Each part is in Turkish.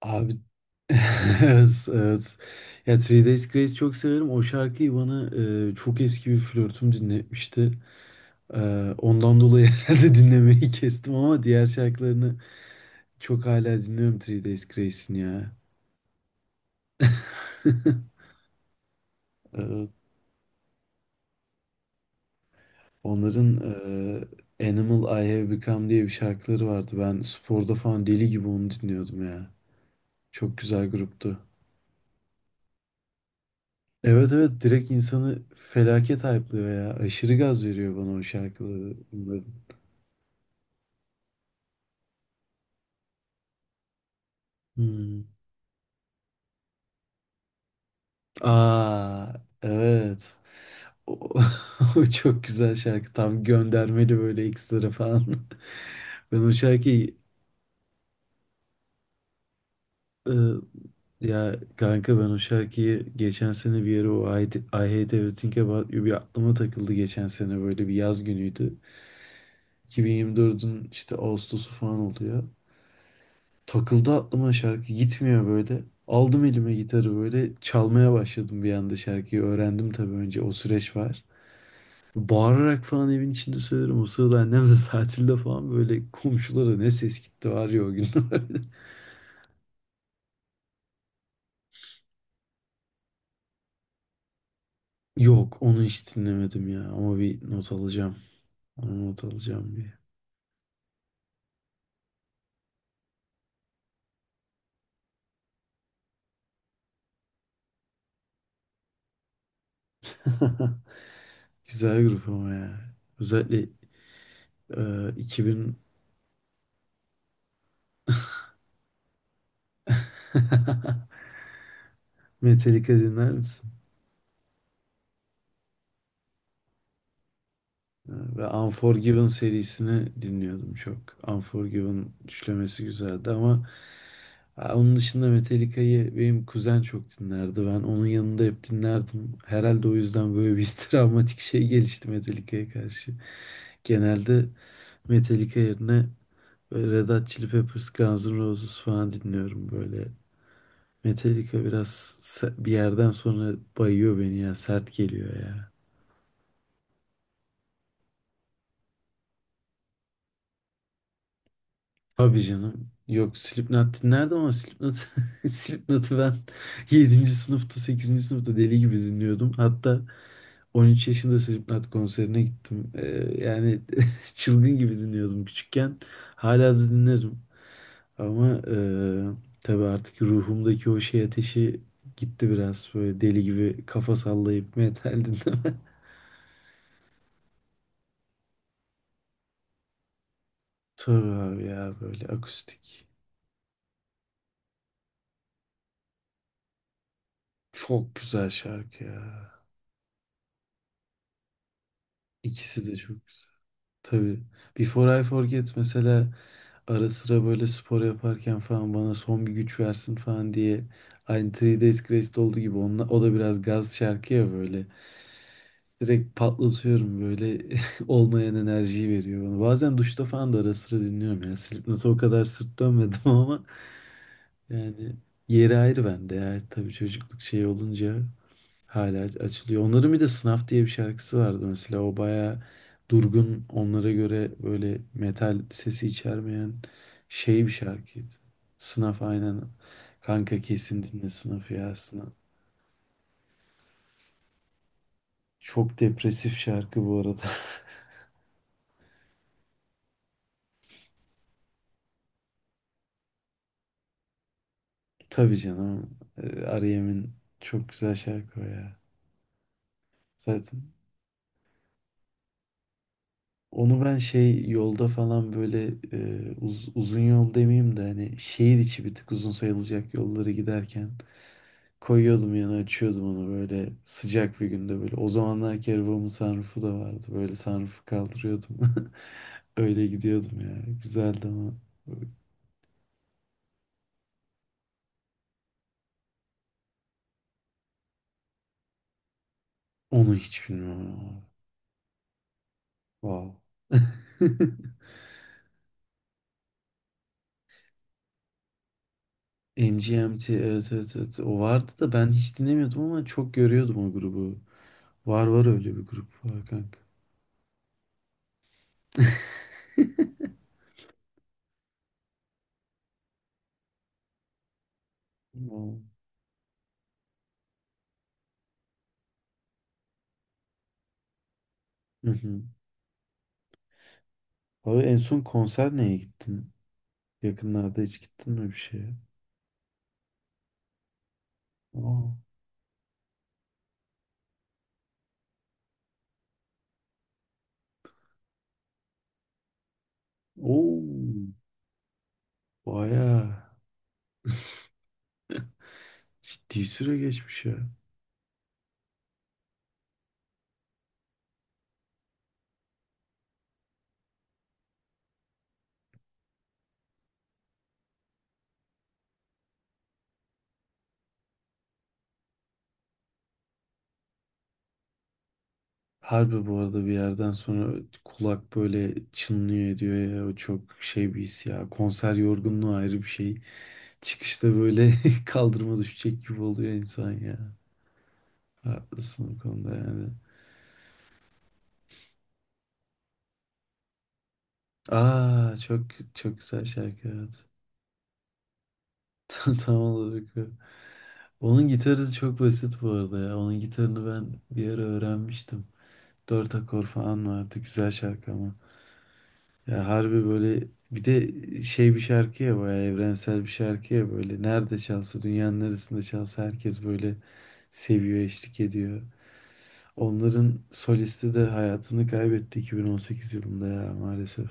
Abi evet, evet. Ya Three Days Grace çok severim. O şarkıyı bana çok eski bir flörtüm dinletmişti. E, Ondan dolayı herhalde dinlemeyi kestim ama diğer şarkılarını çok hala dinliyorum Three Days Grace'in ya. Evet. Onların Animal I Have Become diye bir şarkıları vardı. Ben sporda falan deli gibi onu dinliyordum ya. Çok güzel gruptu. Evet evet, direkt insanı felaket hype'lıyor ya. Aşırı gaz veriyor bana o şarkıları. Bunların. Hmm. Aa, evet. O, o çok güzel şarkı. Tam göndermeli böyle ekstra falan. Ben o şarkıyı e, ya kanka, ben o şarkıyı geçen sene bir yere, o I Hate Everything About You bir aklıma takıldı geçen sene. Böyle bir yaz günüydü. 2024'ün işte Ağustos'u falan oluyor. Takıldı aklıma, şarkı gitmiyor böyle. Aldım elime gitarı, böyle çalmaya başladım, bir anda şarkıyı öğrendim. Tabii önce o süreç var. Bağırarak falan evin içinde söylerim. O sırada annem de tatilde falan, böyle komşulara ne ses gitti var ya o günler. Yok, onu hiç dinlemedim ya ama bir not alacağım. Onu not alacağım bir. Güzel grup ama ya. Özellikle 2000 Metallica dinler misin? Ve Unforgiven serisini dinliyordum çok. Unforgiven düşlemesi güzeldi ama ha, onun dışında Metallica'yı benim kuzen çok dinlerdi. Ben onun yanında hep dinlerdim. Herhalde o yüzden böyle bir travmatik şey gelişti Metallica'ya karşı. Genelde Metallica yerine böyle Red Hot Chili Peppers, Guns N' Roses falan dinliyorum böyle. Metallica biraz bir yerden sonra bayıyor beni ya. Sert geliyor ya. Tabii canım. Yok, Slipknot dinlerdim ama Slipknot, Slipknot'u ben yedinci sınıfta, sekizinci sınıfta deli gibi dinliyordum. Hatta 13 yaşında Slipknot konserine gittim. Yani çılgın gibi dinliyordum küçükken. Hala da dinlerim. Ama tabii artık ruhumdaki o şey ateşi gitti biraz. Böyle deli gibi kafa sallayıp metal dinleme. Tabii abi ya, böyle akustik. Çok güzel şarkı ya. İkisi de çok güzel. Tabii. Before I Forget mesela ara sıra böyle spor yaparken falan bana son bir güç versin falan diye, aynı Three Days Grace'de olduğu gibi, onunla, o da biraz gaz şarkı ya böyle. Direkt patlatıyorum böyle, olmayan enerjiyi veriyor bana. Bazen duşta falan da ara sıra dinliyorum ya. Slipknot'a o kadar sırt dönmedim ama yani yeri ayrı bende ya. Tabii, çocukluk şey olunca hala açılıyor. Onların bir de Sınav diye bir şarkısı vardı mesela. O baya durgun, onlara göre böyle metal sesi içermeyen şey bir şarkıydı. Sınav, aynen. Kanka, kesin dinle Sınav'ı, ya Sınav. Çok depresif şarkı bu arada. Tabii canım. R.E.M'in çok güzel şarkı o ya. Zaten onu ben şey yolda falan böyle, uzun yol demeyeyim de, hani şehir içi bir tık uzun sayılacak yolları giderken koyuyordum yana, açıyordum onu, böyle sıcak bir günde böyle. O zamanlar ki arabamın sunroofu da vardı. Böyle sunroofu kaldırıyordum. Öyle gidiyordum ya. Güzeldi ama onu hiç bilmiyorum ama. Wow. MGMT, evet evet evet. O vardı da ben hiç dinlemiyordum ama çok görüyordum o grubu. Var var, öyle bir grup var kanka. Wow. Hı hı. Abi, en son konser neye gittin? Yakınlarda hiç gittin mi bir şeye? Aa. Oo. Bayağı ciddi süre geçmiş ya. Harbi, bu arada bir yerden sonra kulak böyle çınlıyor ediyor ya. O çok şey bir his ya. Konser yorgunluğu ayrı bir şey. Çıkışta böyle kaldırıma düşecek gibi oluyor insan ya. Haklısın bu konuda yani. Aa çok çok güzel şarkı, evet. Tam olarak o. Onun gitarı çok basit bu arada ya. Onun gitarını ben bir ara öğrenmiştim. Dört akor falan vardı. Güzel şarkı ama. Ya harbi, böyle bir de şey bir şarkı ya, bayağı evrensel bir şarkıya böyle nerede çalsa, dünyanın neresinde çalsa herkes böyle seviyor, eşlik ediyor. Onların solisti de hayatını kaybetti 2018 yılında ya, maalesef.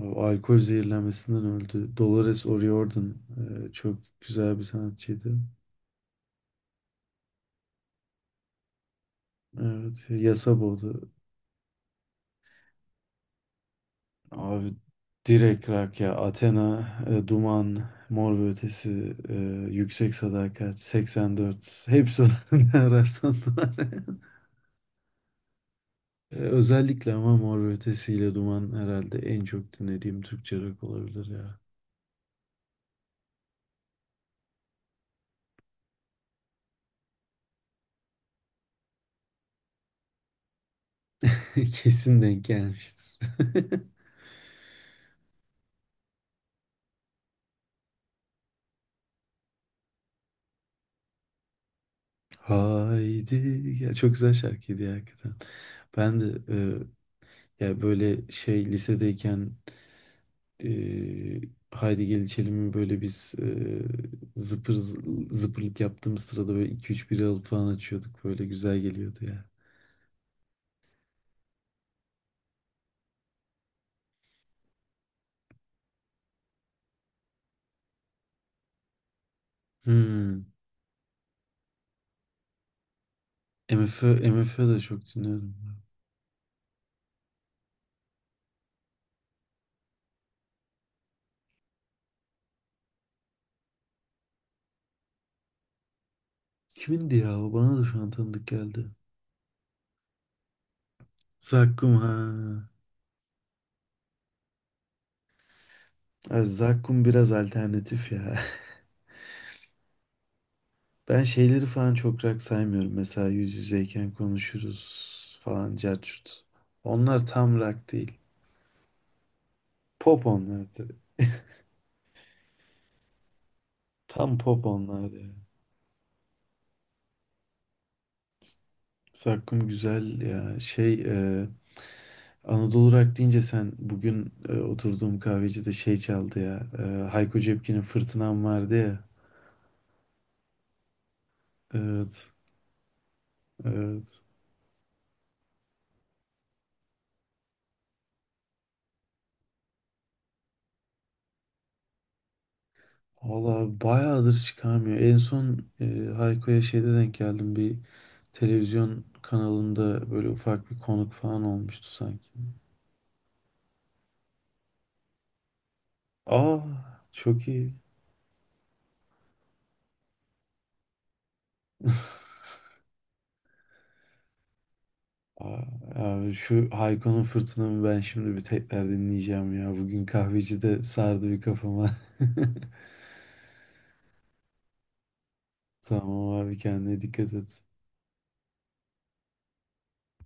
O alkol zehirlenmesinden öldü. Dolores O'Riordan çok güzel bir sanatçıydı. Evet, yasa boğdu. Abi, direkt rak ya. Athena, Duman, Mor ve Ötesi, Yüksek Sadakat, 84. Hepsi var. Ne ararsan var. Özellikle ama Mor ve Ötesi ile Duman herhalde en çok dinlediğim Türkçe rock olabilir ya. Kesin denk gelmiştir. Haydi. Ya çok güzel şarkıydı ya hakikaten. Ben de ya böyle şey lisedeyken, Ee, Haydi Gel İçelim'i böyle biz, zıpır zıpırlık yaptığımız sırada böyle iki üç bira alıp falan açıyorduk. Böyle güzel geliyordu ya. Hmm. MFÖ de çok dinliyorum. Kimindi ya? O bana da şu an tanıdık geldi. Zakkum, ha. Evet, Zakkum biraz alternatif ya. Ben şeyleri falan çok rock saymıyorum. Mesela yüz yüzeyken konuşuruz falan, cart. Onlar tam rock değil. Pop onlar tabii. Tam pop onlar ya. Zakkum güzel ya. E, Anadolu Rock deyince, sen bugün oturduğum kahvecide şey çaldı ya. Hayko Cepkin'in Fırtınam vardı ya. Evet. Evet. Valla bayağıdır çıkarmıyor. En son Hayko'ya şeyde denk geldim. Bir televizyon kanalında böyle ufak bir konuk falan olmuştu sanki. Aa çok iyi. Aa, abi şu Hayko'nun Fırtınam'ı ben şimdi bir tekrar dinleyeceğim ya. Bugün kahveci de sardı bir kafama. Tamam abi, kendine dikkat et.